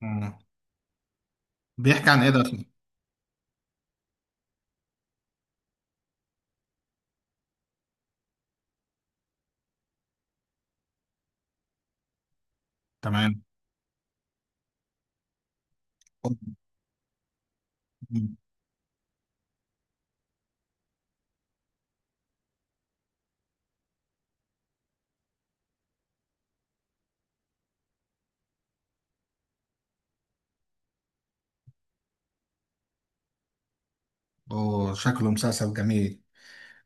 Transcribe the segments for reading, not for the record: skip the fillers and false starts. مم. بيحكي عن ايه ده اصلا؟ تمام. اوه، شكله مسلسل جميل.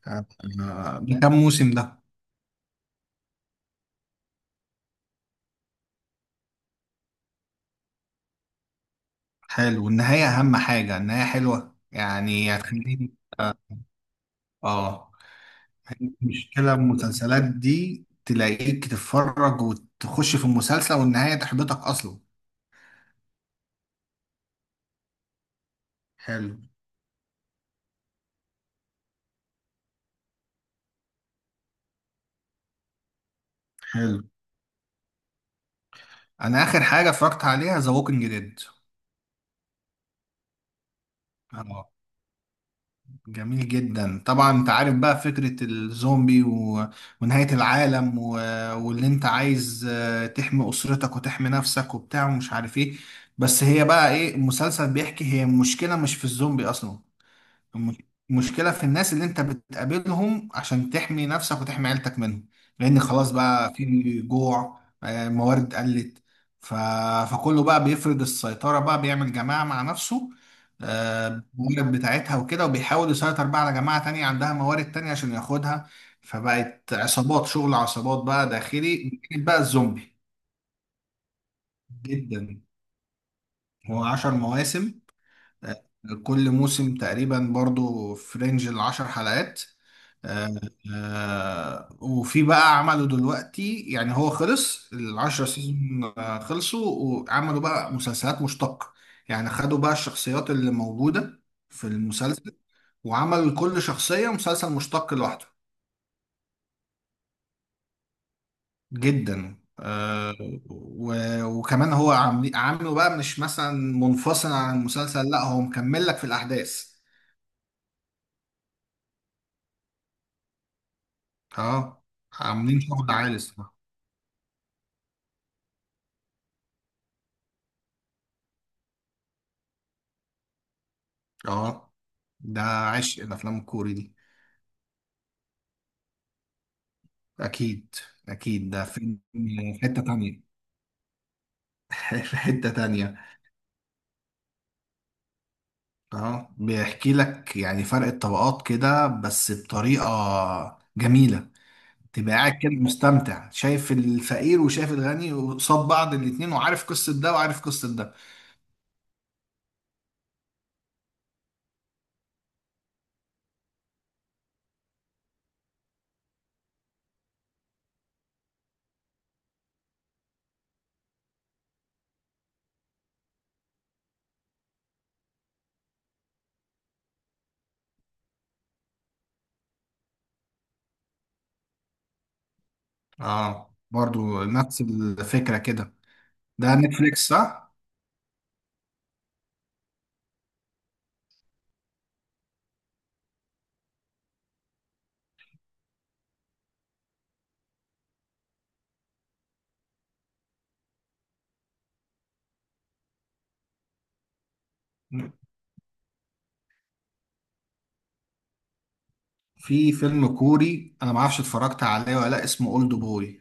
آه. من كام موسم ده؟ حلو، والنهاية اهم حاجة. النهاية حلوة يعني هتخليني. اه. آه. المشكلة المسلسلات دي تلاقيك تتفرج وتخش في المسلسل والنهاية تحبطك اصلا. حلو. حلو. انا اخر حاجة اتفرجت عليها ذا ووكينج ديد. جميل جدا، طبعا انت عارف بقى فكرة الزومبي ونهاية العالم واللي انت عايز تحمي اسرتك وتحمي نفسك وبتاع ومش عارف ايه. بس هي بقى ايه المسلسل بيحكي؟ هي المشكلة مش في الزومبي اصلا. الم- المشكلة في الناس اللي انت بتقابلهم عشان تحمي نفسك وتحمي عيلتك منهم. لان خلاص بقى في جوع، موارد قلت. ف... فكله بقى بيفرض السيطرة، بقى بيعمل جماعة مع نفسه، آه، الموارد بتاعتها وكده، وبيحاول يسيطر بقى على جماعة تانية عندها موارد تانية عشان ياخدها. فبقت عصابات، شغل عصابات بقى داخلي بقى الزومبي. جدا. هو عشر مواسم. آه، كل موسم تقريبا برضو في رينج العشر حلقات. آه، وفي بقى عملوا دلوقتي، يعني هو خلص العشرة سيزون خلصوا وعملوا بقى مسلسلات مشتقة. يعني خدوا بقى الشخصيات اللي موجودة في المسلسل وعملوا لكل شخصية مسلسل مشتق لوحده. جدا. و- وكمان هو عامله بقى مش مثلا منفصل عن المسلسل، لا هو مكمل لك في الأحداث. اه. عاملين شغل عالي الصراحة. اه. ده عشق الافلام الكوري دي. اكيد. اكيد، ده فيلم في حتة تانية. في حتة تانية. اه، بيحكي لك يعني فرق الطبقات كده بس بطريقة جميلة. تبقى قاعد كده مستمتع، شايف الفقير وشايف الغني وقصاد بعض الاتنين، وعارف قصة ده وعارف قصة ده. اه، برضو نفس الفكرة كده. ده نتفليكس صح؟ في فيلم كوري انا ما اعرفش اتفرجت عليه ولا لا اسمه اولد بوي.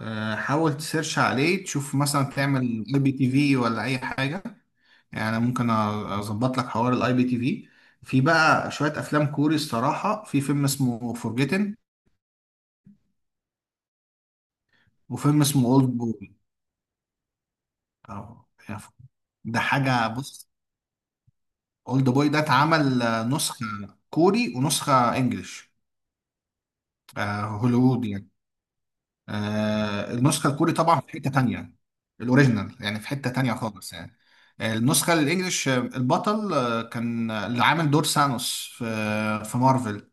حاول تسيرش عليه، تشوف مثلا تعمل اي بي تي في ولا اي حاجه. يعني ممكن اظبط لك حوار الاي بي تي في. في بقى شويه افلام كوري الصراحه. في فيلم اسمه فورجيتن، وفيلم اسمه اولد بوي. أهو، يعني ده حاجه. بص، اولد بوي ده اتعمل نسخه كوري ونسخه انجليش. هوليوود يعني. النسخة الكوري طبعا في حتة تانية. الأوريجينال يعني في حتة تانية خالص يعني. النسخة الإنجليش البطل كان اللي عامل دور سانوس في في مارفل.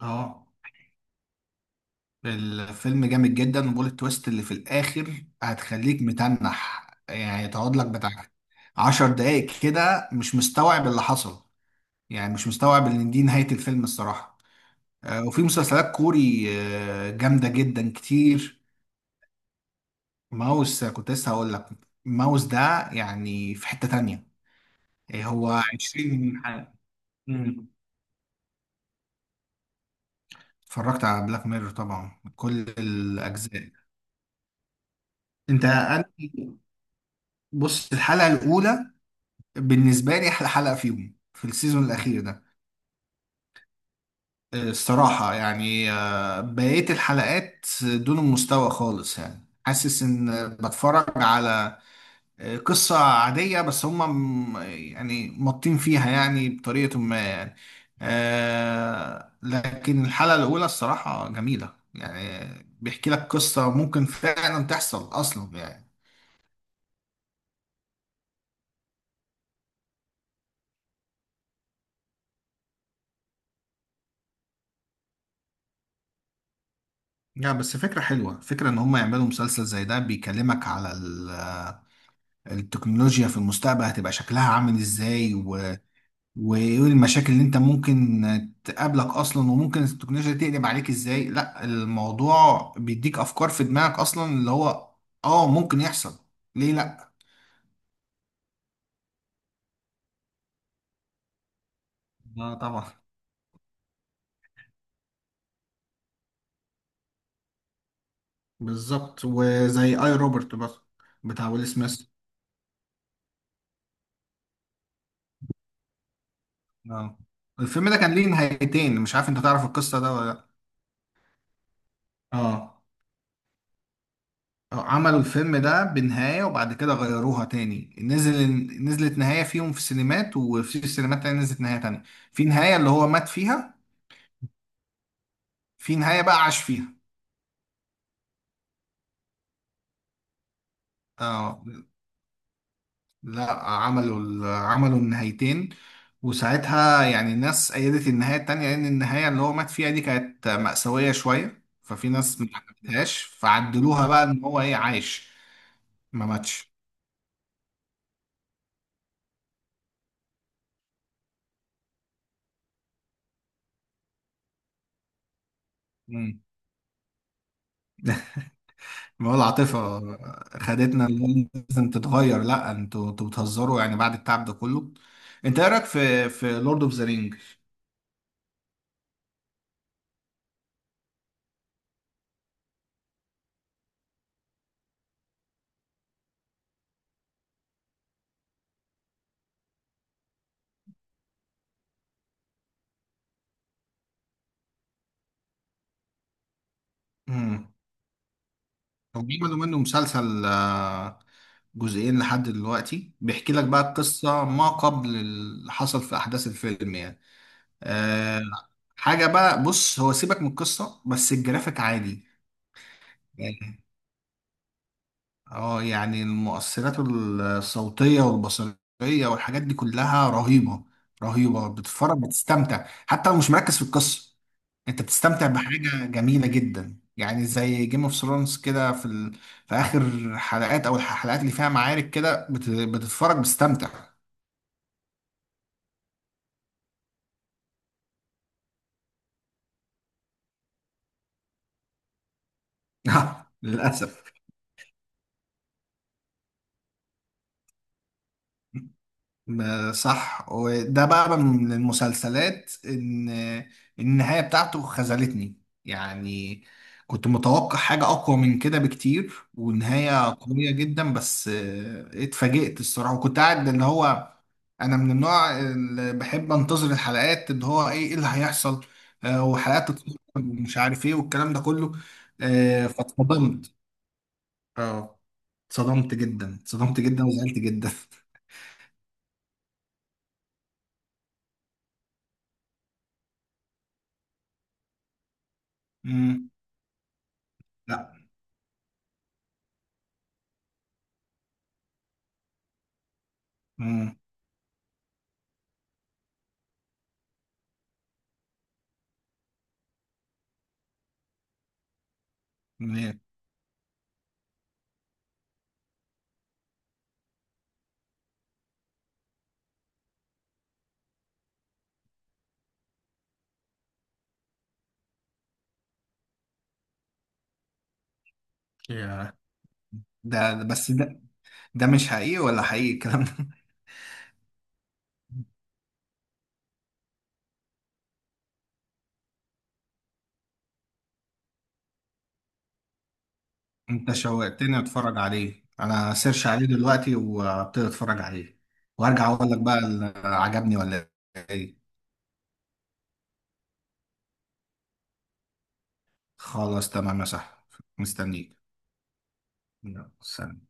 اه. الفيلم جامد جدا، وبول التويست اللي في الآخر هتخليك متنح يعني. تقعد لك بتاع عشر دقايق كده مش مستوعب اللي حصل، يعني مش مستوعب إن دي نهاية الفيلم الصراحة. وفي مسلسلات كوري جامدة جدا كتير. ماوس كنت لسه هقول لك. ماوس ده يعني في حتة تانية. إيه هو؟ 20 حلقة. مم. اتفرجت على بلاك ميرور طبعا كل الأجزاء. انت أنا- بص، الحلقة الأولى بالنسبة لي أحلى حلقة فيهم في السيزون الأخير ده. الصراحة يعني، بقية الحلقات دون المستوى خالص يعني. حاسس إن بتفرج على قصة عادية، بس هم يعني مطين فيها يعني بطريقة ما يعني. لكن الحلقة الأولى الصراحة جميلة يعني. بيحكي لك قصة ممكن فعلا تحصل أصلا يعني. لا، بس فكرة حلوة. فكرة إن هم يعملوا مسلسل زي ده بيكلمك على التكنولوجيا في المستقبل هتبقى شكلها عامل إزاي، وايه المشاكل اللي انت ممكن تقابلك اصلا، وممكن التكنولوجيا تقلب عليك ازاي. لا، الموضوع بيديك افكار في دماغك اصلا اللي هو اه ممكن يحصل. ليه لا؟ اه طبعا. بالظبط، وزي اي روبرت بس بتاع ويل سميث. اه. الفيلم ده كان ليه نهايتين، مش عارف انت تعرف القصة ده ولا لا. اه. عملوا الفيلم ده بنهاية وبعد كده غيروها تاني. نزلت نهاية فيهم في السينمات، وفي السينمات تاني نزلت نهاية تانية. في نهاية اللي هو مات فيها، في نهاية بقى عاش فيها. آه. لا، عملوا النهايتين. وساعتها يعني الناس أيدت النهاية التانية لأن النهاية اللي هو مات فيها دي كانت مأساوية شوية، ففي ناس ما حبتهاش، فعدلوها بقى إن هو إيه عايش، ما ماتش. مم. ما هو العاطفة خدتنا اللي هو لازم تتغير. لا، انتوا بتهزروا يعني بعد التعب ده كله؟ انت ايه رايك في لورد اوف ذا رينج؟ هم بيعملوا منه مسلسل جزئين لحد دلوقتي، بيحكي لك بقى القصة ما قبل اللي حصل في أحداث الفيلم يعني. آه، حاجة بقى. بص، هو سيبك من القصة بس الجرافيك عادي. آه، اه يعني المؤثرات الصوتية والبصرية والحاجات دي كلها رهيبة. رهيبة، بتتفرج بتستمتع حتى لو مش مركز في القصة. انت بتستمتع بحاجة جميلة جدا يعني، زي جيم اوف ثرونز كده في اخر حلقات او الحلقات اللي فيها معارك كده بتتفرج بتستمتع. للأسف. صح، وده بقى من المسلسلات ان النهاية بتاعته خذلتني يعني. كنت متوقع حاجة أقوى من كده بكتير ونهاية قوية جدا بس اتفاجئت الصراحة. وكنت قاعد اللي هو، أنا من النوع اللي بحب أنتظر الحلقات، اللي هو إيه اللي هيحصل، وحلقات تتفرج ومش عارف إيه والكلام ده كله. فاتصدمت. اه، اتصدمت جدا، اتصدمت جدا وزعلت جدا. مم. لا. مم. منين. يا، بس ده مش حقيقي ولا حقيقي الكلام ده. انت شوقتني اتفرج عليه. انا سيرش عليه دلوقتي وابتدي اتفرج عليه، وارجع اقول لك بقى عجبني ولا. ايه. خلاص، تمام يا صاحبي. مستنيك. يلا، سلام.